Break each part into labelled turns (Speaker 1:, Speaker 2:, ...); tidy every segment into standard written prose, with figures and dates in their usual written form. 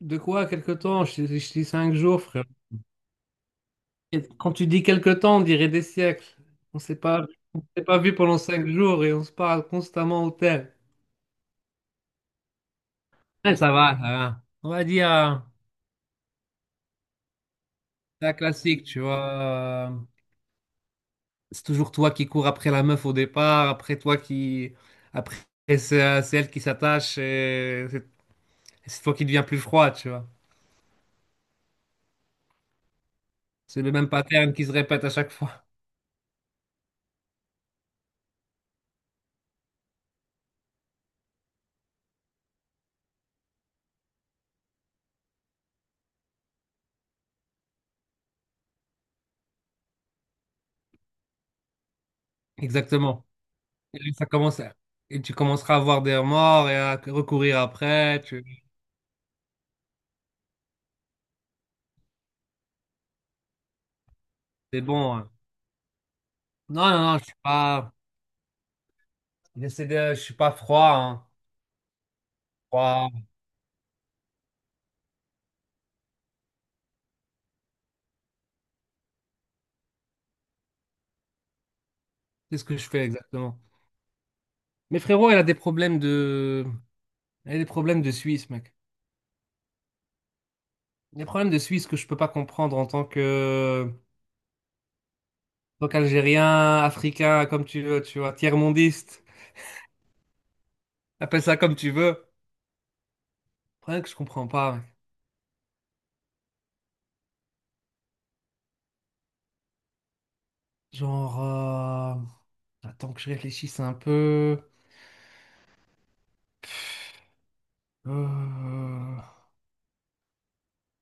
Speaker 1: De quoi, quelque temps? Je dis 5 jours, frère. Et quand tu dis quelque temps, on dirait des siècles. On s'est pas, on s'est pas vu pendant 5 jours et on se parle constamment au tel. Ouais, ça va, ça va. On va dire, c'est la classique, tu vois. C'est toujours toi qui cours après la meuf au départ, après toi qui, après c'est elle qui s'attache et c'est toi qui deviens plus froid, tu vois. C'est le même pattern qui se répète à chaque fois. Exactement. Et lui, et tu commenceras à avoir des remords et à recourir après. Tu. C'est bon, hein. Non, non, non, je suis pas. J'essaie de. Je suis pas froid, hein. Froid. Qu'est-ce que je fais exactement? Mais frérot, elle a des problèmes de. Elle a des problèmes de Suisse, mec. Des problèmes de Suisse que je peux pas comprendre en tant que. En tant qu'Algérien, Africain, comme tu veux, tu vois, tiers-mondiste. Appelle ça comme tu veux. Le problème que je comprends pas, mec. Genre. Attends que je réfléchisse un peu. Euh,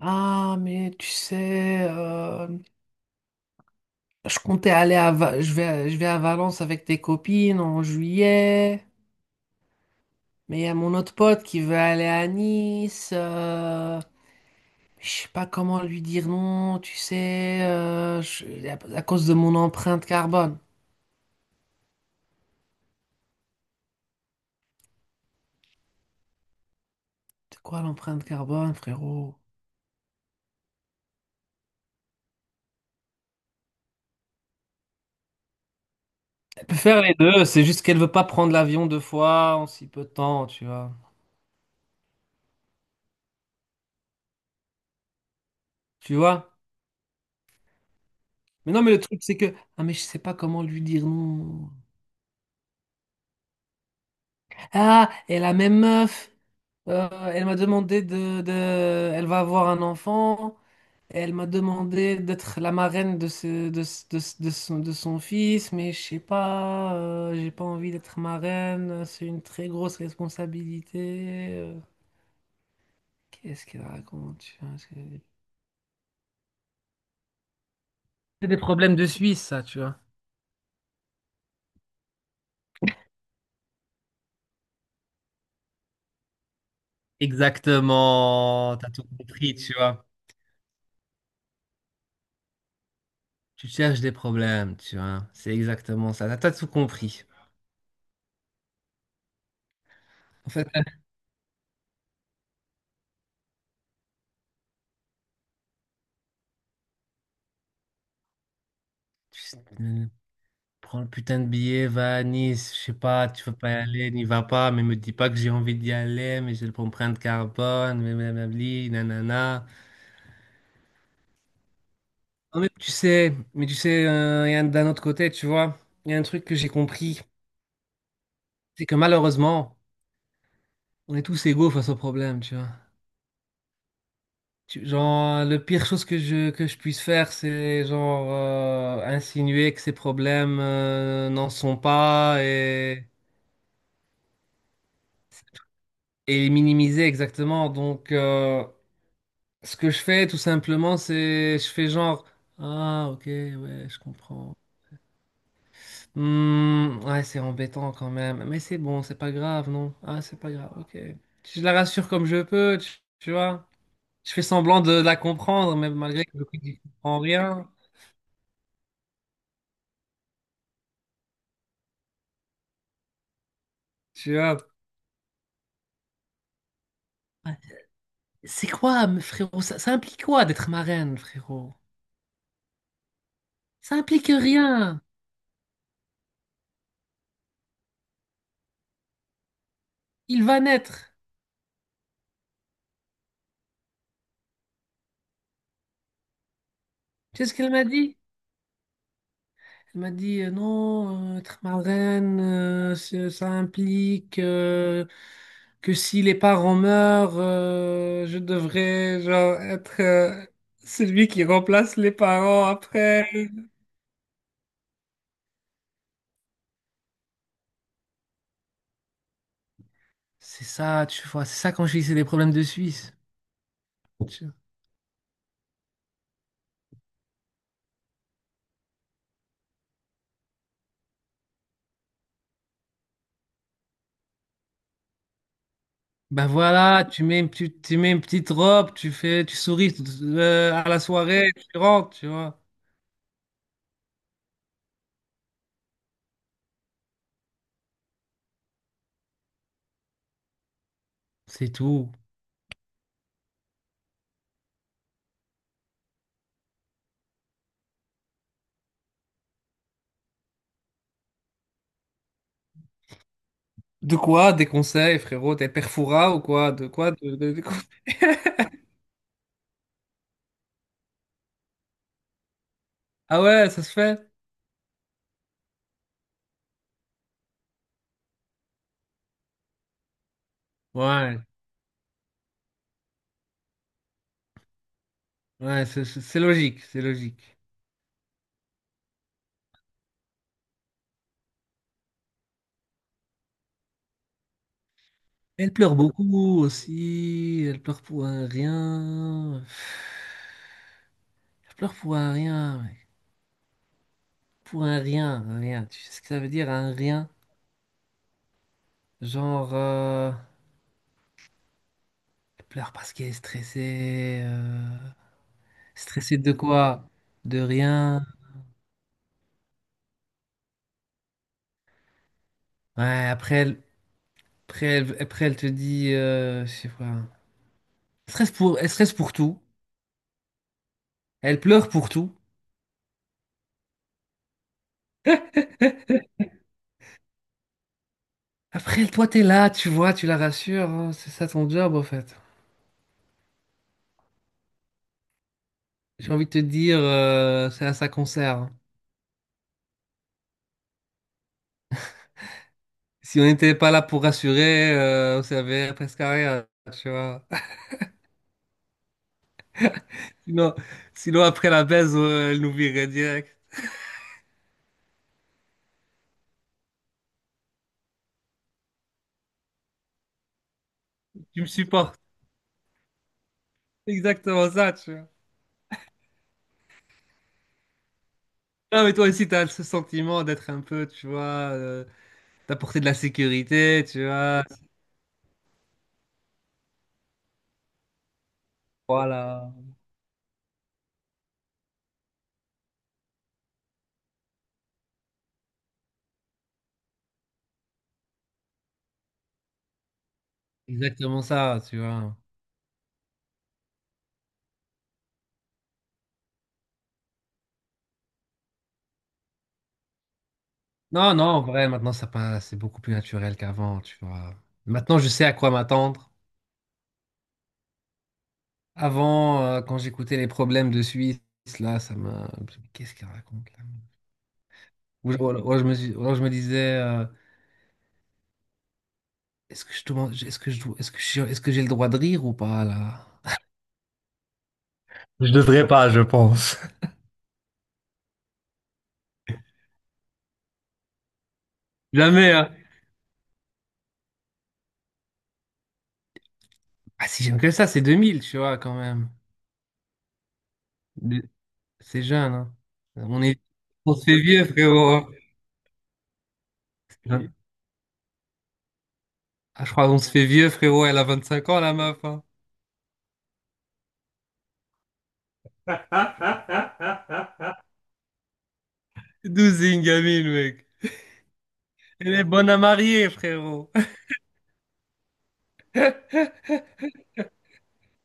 Speaker 1: Ah, mais tu sais, je comptais aller à Va- je vais à Valence avec tes copines en juillet, mais il y a mon autre pote qui veut aller à Nice. Je sais pas comment lui dire non, tu sais, à cause de mon empreinte carbone. C'est quoi l'empreinte carbone, frérot? Elle peut faire les deux, c'est juste qu'elle veut pas prendre l'avion deux fois en si peu de temps, tu vois. Tu vois? Mais non, mais le truc, c'est que, ah, mais je sais pas comment lui dire non. Ah, et la même meuf. Elle m'a demandé Elle va avoir un enfant. Et elle m'a demandé d'être la marraine de son fils, mais je sais pas, j'ai pas envie d'être marraine. C'est une très grosse responsabilité. Qu'est-ce qu'elle raconte? Tu vois, C'est des problèmes de Suisse, ça, tu vois. Exactement, t'as tout compris, tu vois. Tu cherches des problèmes, tu vois. C'est exactement ça. T'as tout compris. En fait, prends le putain de billet, va à Nice, je sais pas, tu veux pas y aller, n'y va pas, mais me dis pas que j'ai envie d'y aller, mais j'ai le l'empreinte carbone, mais blablabli, nanana. Non, mais tu sais, d'un autre côté, tu vois, il y a un truc que j'ai compris, c'est que malheureusement, on est tous égaux face au problème, tu vois. Genre, le pire chose que je puisse faire, c'est genre insinuer que ces problèmes n'en sont pas et les minimiser exactement, donc. Ce que je fais, tout simplement, c'est je fais genre ah ok ouais je comprends. Hmm, ouais c'est embêtant quand même, mais c'est bon, c'est pas grave non. Ah c'est pas grave, ok. Je la rassure comme je peux, tu vois. Je fais semblant de la comprendre, même malgré que je ne comprends rien, tu vois. Ouais. C'est quoi, mais frérot? Ça implique quoi d'être marraine, frérot? Ça implique rien. Il va naître. Tu sais ce qu'elle m'a dit? Elle m'a dit non, être marraine, ça implique que si les parents meurent, je devrais genre, être celui qui remplace les parents après. C'est ça, tu vois, c'est ça quand je dis c'est des problèmes de Suisse. Tu- Ben voilà, tu mets une petite robe, tu fais, tu souris à la soirée, tu rentres, tu vois. C'est tout. De quoi? Des conseils, frérot? T'es perfora ou quoi? De quoi? De quoi Ah ouais, ça se fait? Ouais, ouais, c'est logique, c'est logique. Elle pleure beaucoup aussi, elle pleure pour un rien. Elle pleure pour un rien, mec. Pour un rien, un rien. Tu sais ce que ça veut dire, un rien? Genre, elle pleure parce qu'elle est stressée. Stressée de quoi? De rien. Ouais, après elle te dit, je sais pas. Elle stresse pour tout. Elle pleure pour tout. Après, toi, t'es là, tu vois, tu la rassures, hein, c'est ça ton job, en fait. J'ai envie de te dire, c'est à ça qu'on sert, hein. Si on n'était pas là pour rassurer, on servait presque à rien, tu vois. Sinon, sinon après la baise, elle nous virait direct. Tu me supportes. Exactement ça, tu vois. Non, mais toi aussi, t'as ce sentiment d'être un peu, tu vois, euh, d'apporter de la sécurité, tu vois. Voilà. Exactement ça, tu vois. Non, non, en vrai, maintenant, ça passe, c'est beaucoup plus naturel qu'avant, tu vois. Maintenant, je sais à quoi m'attendre. Avant, quand j'écoutais les problèmes de Suisse, là, ça m'a. Qu'est-ce qu'il raconte, là? Ou alors, je me disais, est-ce que j'ai le droit de rire ou pas, là? Je devrais pas, je pense. Jamais, hein. Ah, si j'aime que ça, c'est 2000, tu vois, quand même. De- C'est jeune, hein. On est. On se fait vieux, frérot, hein. Ah, je crois qu'on se fait vieux, frérot. Elle a 25 ans, la meuf, hein. 12 Ingamil, mec. Elle est bonne à marier, frérot.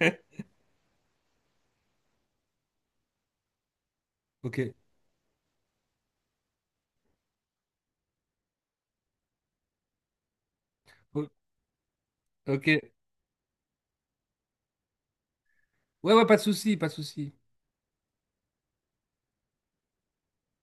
Speaker 1: Ok. O- Ok. Ouais, ouais, pas de souci, pas de souci.